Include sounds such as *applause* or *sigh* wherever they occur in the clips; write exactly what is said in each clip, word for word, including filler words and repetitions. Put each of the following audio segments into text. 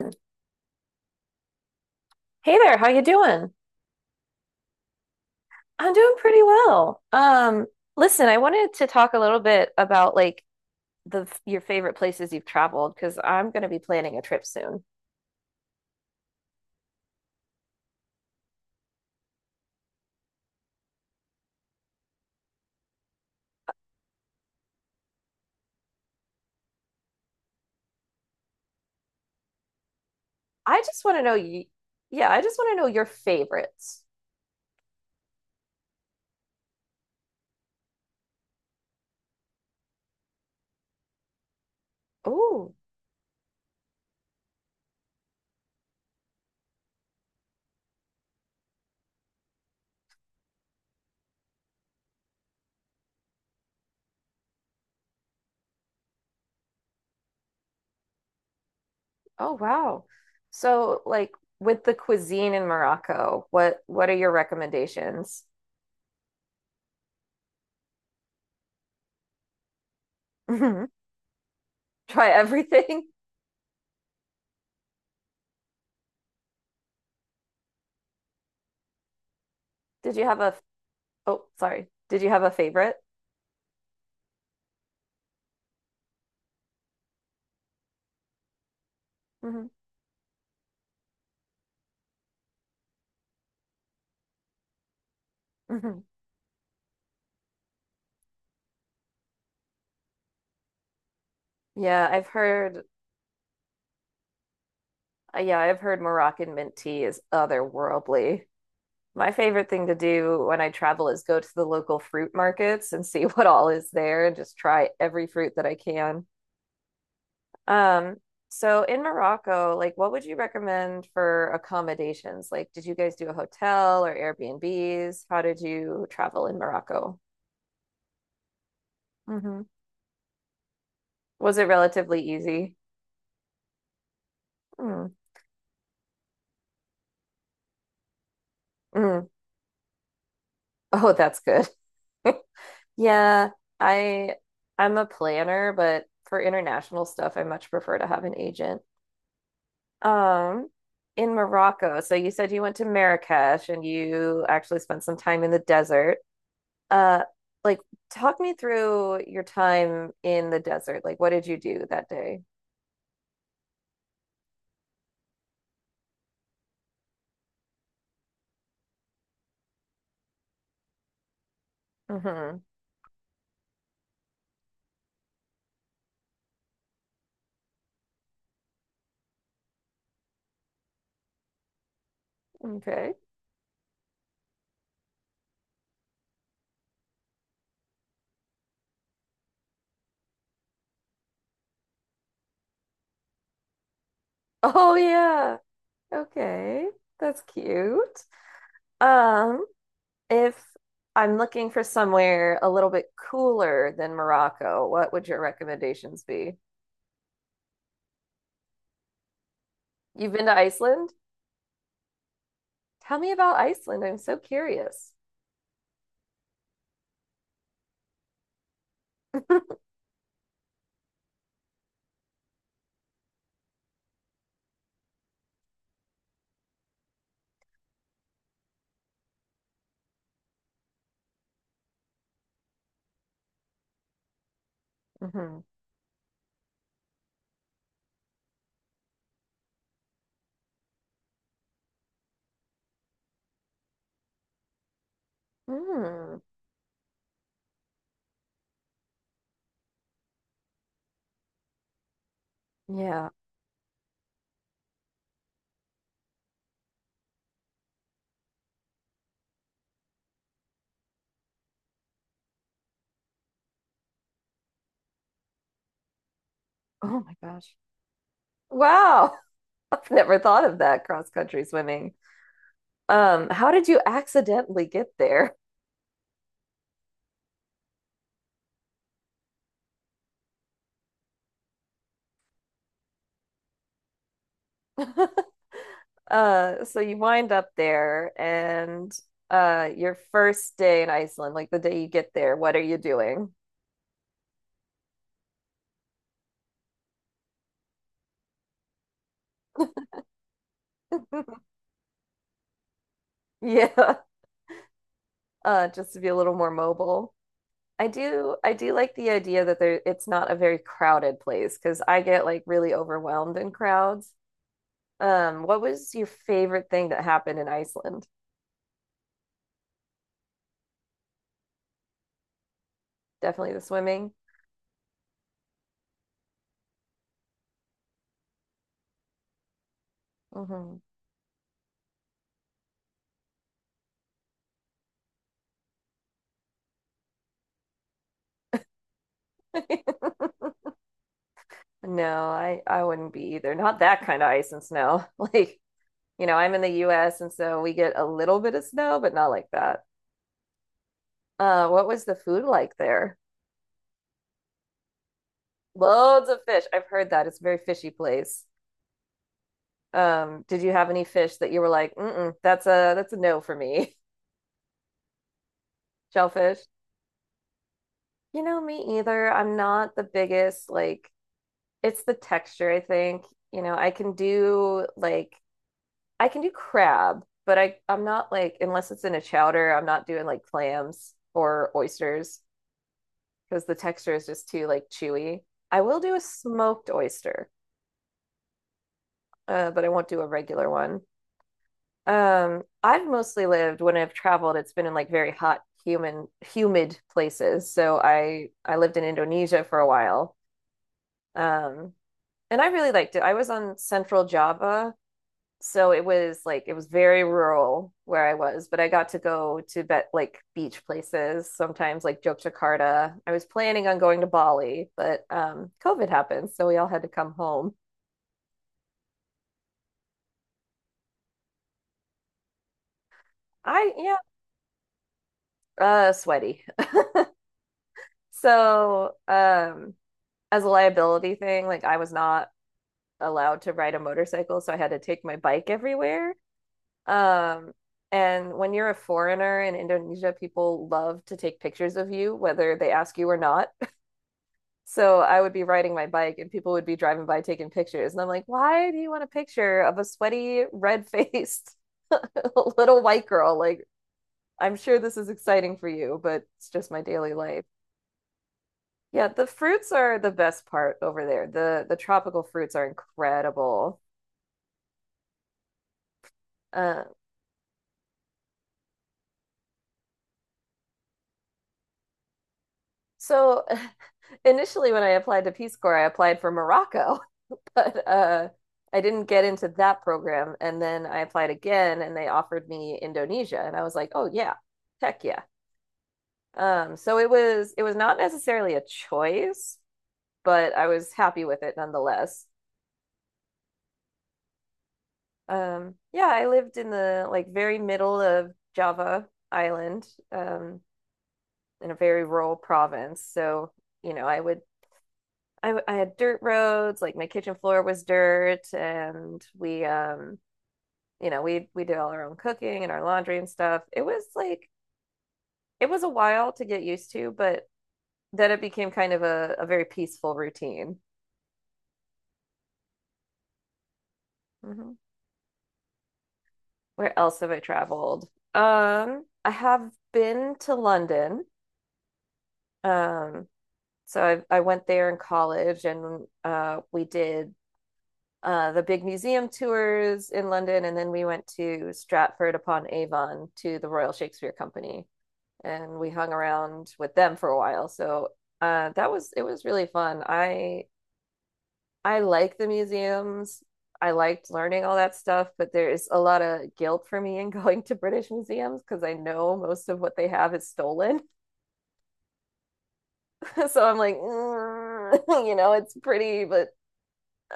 Hey there, how you doing? I'm doing pretty well. Um, listen, I wanted to talk a little bit about like the your favorite places you've traveled because I'm going to be planning a trip soon. I just want to know you, yeah, I just want to know your favorites. Oh, oh wow. So like with the cuisine in Morocco, what what are your recommendations? *laughs* Try everything. Did you have a, oh, sorry. Did you have a favorite? Hmm. Hmm. Yeah, I've heard Uh, yeah, I've heard Moroccan mint tea is otherworldly. My favorite thing to do when I travel is go to the local fruit markets and see *laughs* what all is there and just try every fruit that I can. Um, so in Morocco, like what would you recommend for accommodations? Like, did you guys do a hotel or Airbnbs? How did you travel in Morocco? Hmm. Was it relatively easy? Mm. Mm. *laughs* Oh, that's good. *laughs* Yeah, I I'm a planner, but for international stuff, I much prefer to have an agent. Um, in Morocco, so you said you went to Marrakesh and you actually spent some time in the desert. Uh, like talk me through your time in the desert. Like what did you do that day? Mm-hmm. Okay. Oh yeah. Okay. That's cute. Um, If I'm looking for somewhere a little bit cooler than Morocco, what would your recommendations be? You've been to Iceland? Tell me about Iceland. I'm so curious. *laughs* Hmm. Mm, yeah. Oh my gosh. Wow. *laughs* I've never thought of that cross-country swimming. Um, how did you accidentally get there? *laughs* Uh, so you wind up there and uh your first day in Iceland, like the day you get there, what are you doing? *laughs* Yeah. uh, just to be a little more mobile. I do I do like the idea that there it's not a very crowded place because I get like really overwhelmed in crowds. Um, what was your favorite thing that happened in Iceland? Definitely the swimming. Hmm. *laughs* No, I I wouldn't be either. Not that kind of ice and snow. *laughs* Like, you know, I'm in the U S and so we get a little bit of snow, but not like that. Uh, what was the food like there? Loads of fish. I've heard that. It's a very fishy place. Um, did you have any fish that you were like, mm-mm, that's a that's a no for me. *laughs* Shellfish? You know, me either. I'm not the biggest, like, it's the texture, I think. You know, I can do like I can do crab, but I I'm not like unless it's in a chowder, I'm not doing like clams or oysters because the texture is just too like chewy. I will do a smoked oyster, uh, but I won't do a regular one. Um, I've mostly lived when I've traveled, it's been in like very hot, human, humid places. So I I lived in Indonesia for a while. Um, and I really liked it. I was on Central Java, so it was like it was very rural where I was, but I got to go to bet like beach places sometimes, like Yogyakarta. I was planning on going to Bali, but um, COVID happened, so we all had to come home. I yeah, uh, Sweaty. *laughs* So, um, as a liability thing, like I was not allowed to ride a motorcycle, so I had to take my bike everywhere. Um, and when you're a foreigner in Indonesia, people love to take pictures of you, whether they ask you or not. *laughs* So I would be riding my bike and people would be driving by taking pictures. And I'm like, why do you want a picture of a sweaty, red faced *laughs* little white girl? Like, I'm sure this is exciting for you, but it's just my daily life. Yeah, the fruits are the best part over there. The the tropical fruits are incredible. Uh, so *laughs* initially when I applied to Peace Corps, I applied for Morocco, *laughs* but uh, I didn't get into that program. And then I applied again and they offered me Indonesia. And I was like, oh yeah, heck yeah. Um, so it was it was not necessarily a choice, but I was happy with it nonetheless. Um, yeah, I lived in the like very middle of Java Island. Um, in a very rural province. So, you know, I would I I had dirt roads, like my kitchen floor was dirt and we um you know, we we did all our own cooking and our laundry and stuff. It was like it was a while to get used to, but then it became kind of a, a very peaceful routine. Hmm. Where else have I traveled? Um, I have been to London. Um, so I I went there in college and uh we did uh, the big museum tours in London, and then we went to Stratford upon Avon to the Royal Shakespeare Company, and we hung around with them for a while. So uh, that was it was really fun. I I like the museums. I liked learning all that stuff, but there is a lot of guilt for me in *laughs* going to British museums because I know most of what they have is stolen. *laughs* so I'm like, mm, *laughs* you know, it's pretty, but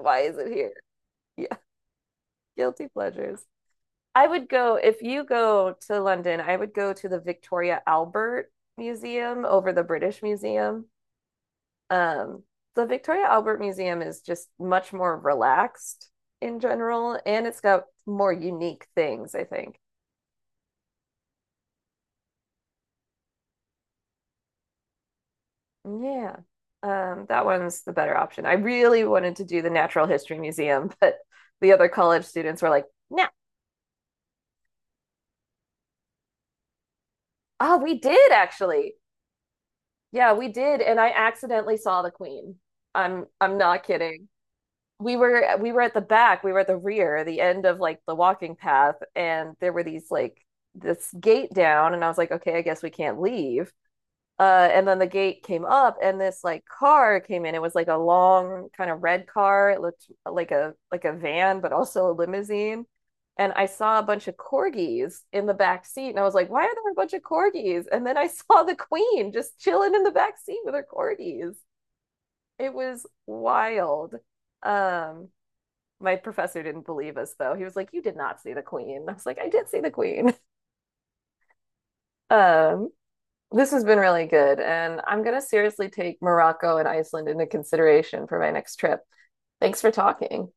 why is it here? Yeah, guilty pleasures. I would go, if you go to London, I would go to the Victoria Albert Museum over the British Museum. Um, the Victoria Albert Museum is just much more relaxed in general, and it's got more unique things, I think. Yeah, um, that one's the better option. I really wanted to do the Natural History Museum, *laughs* but the other college students were like, "No, nah. Oh, we did actually. Yeah, we did." And I accidentally saw the Queen. I'm I'm not kidding. We were we were at the back, we were at the rear, the end of like the walking path, and there were these like this gate down, and I was like, okay, I guess we can't leave. Uh, and then the gate came up, and this like car came in. It was like a long kind of red car. It looked like a like a van, but also a limousine. And I saw a bunch of corgis in the back seat, and I was like, why are there a bunch of corgis? And then I *laughs* saw the queen just chilling in the back seat with her corgis. It was wild. Um, my professor didn't believe us though. He was like, "You did not see the queen." I was like, "I did see the queen." *laughs* Um, this has been really good, and I'm gonna seriously take Morocco and Iceland into consideration for my next trip. Thanks for talking.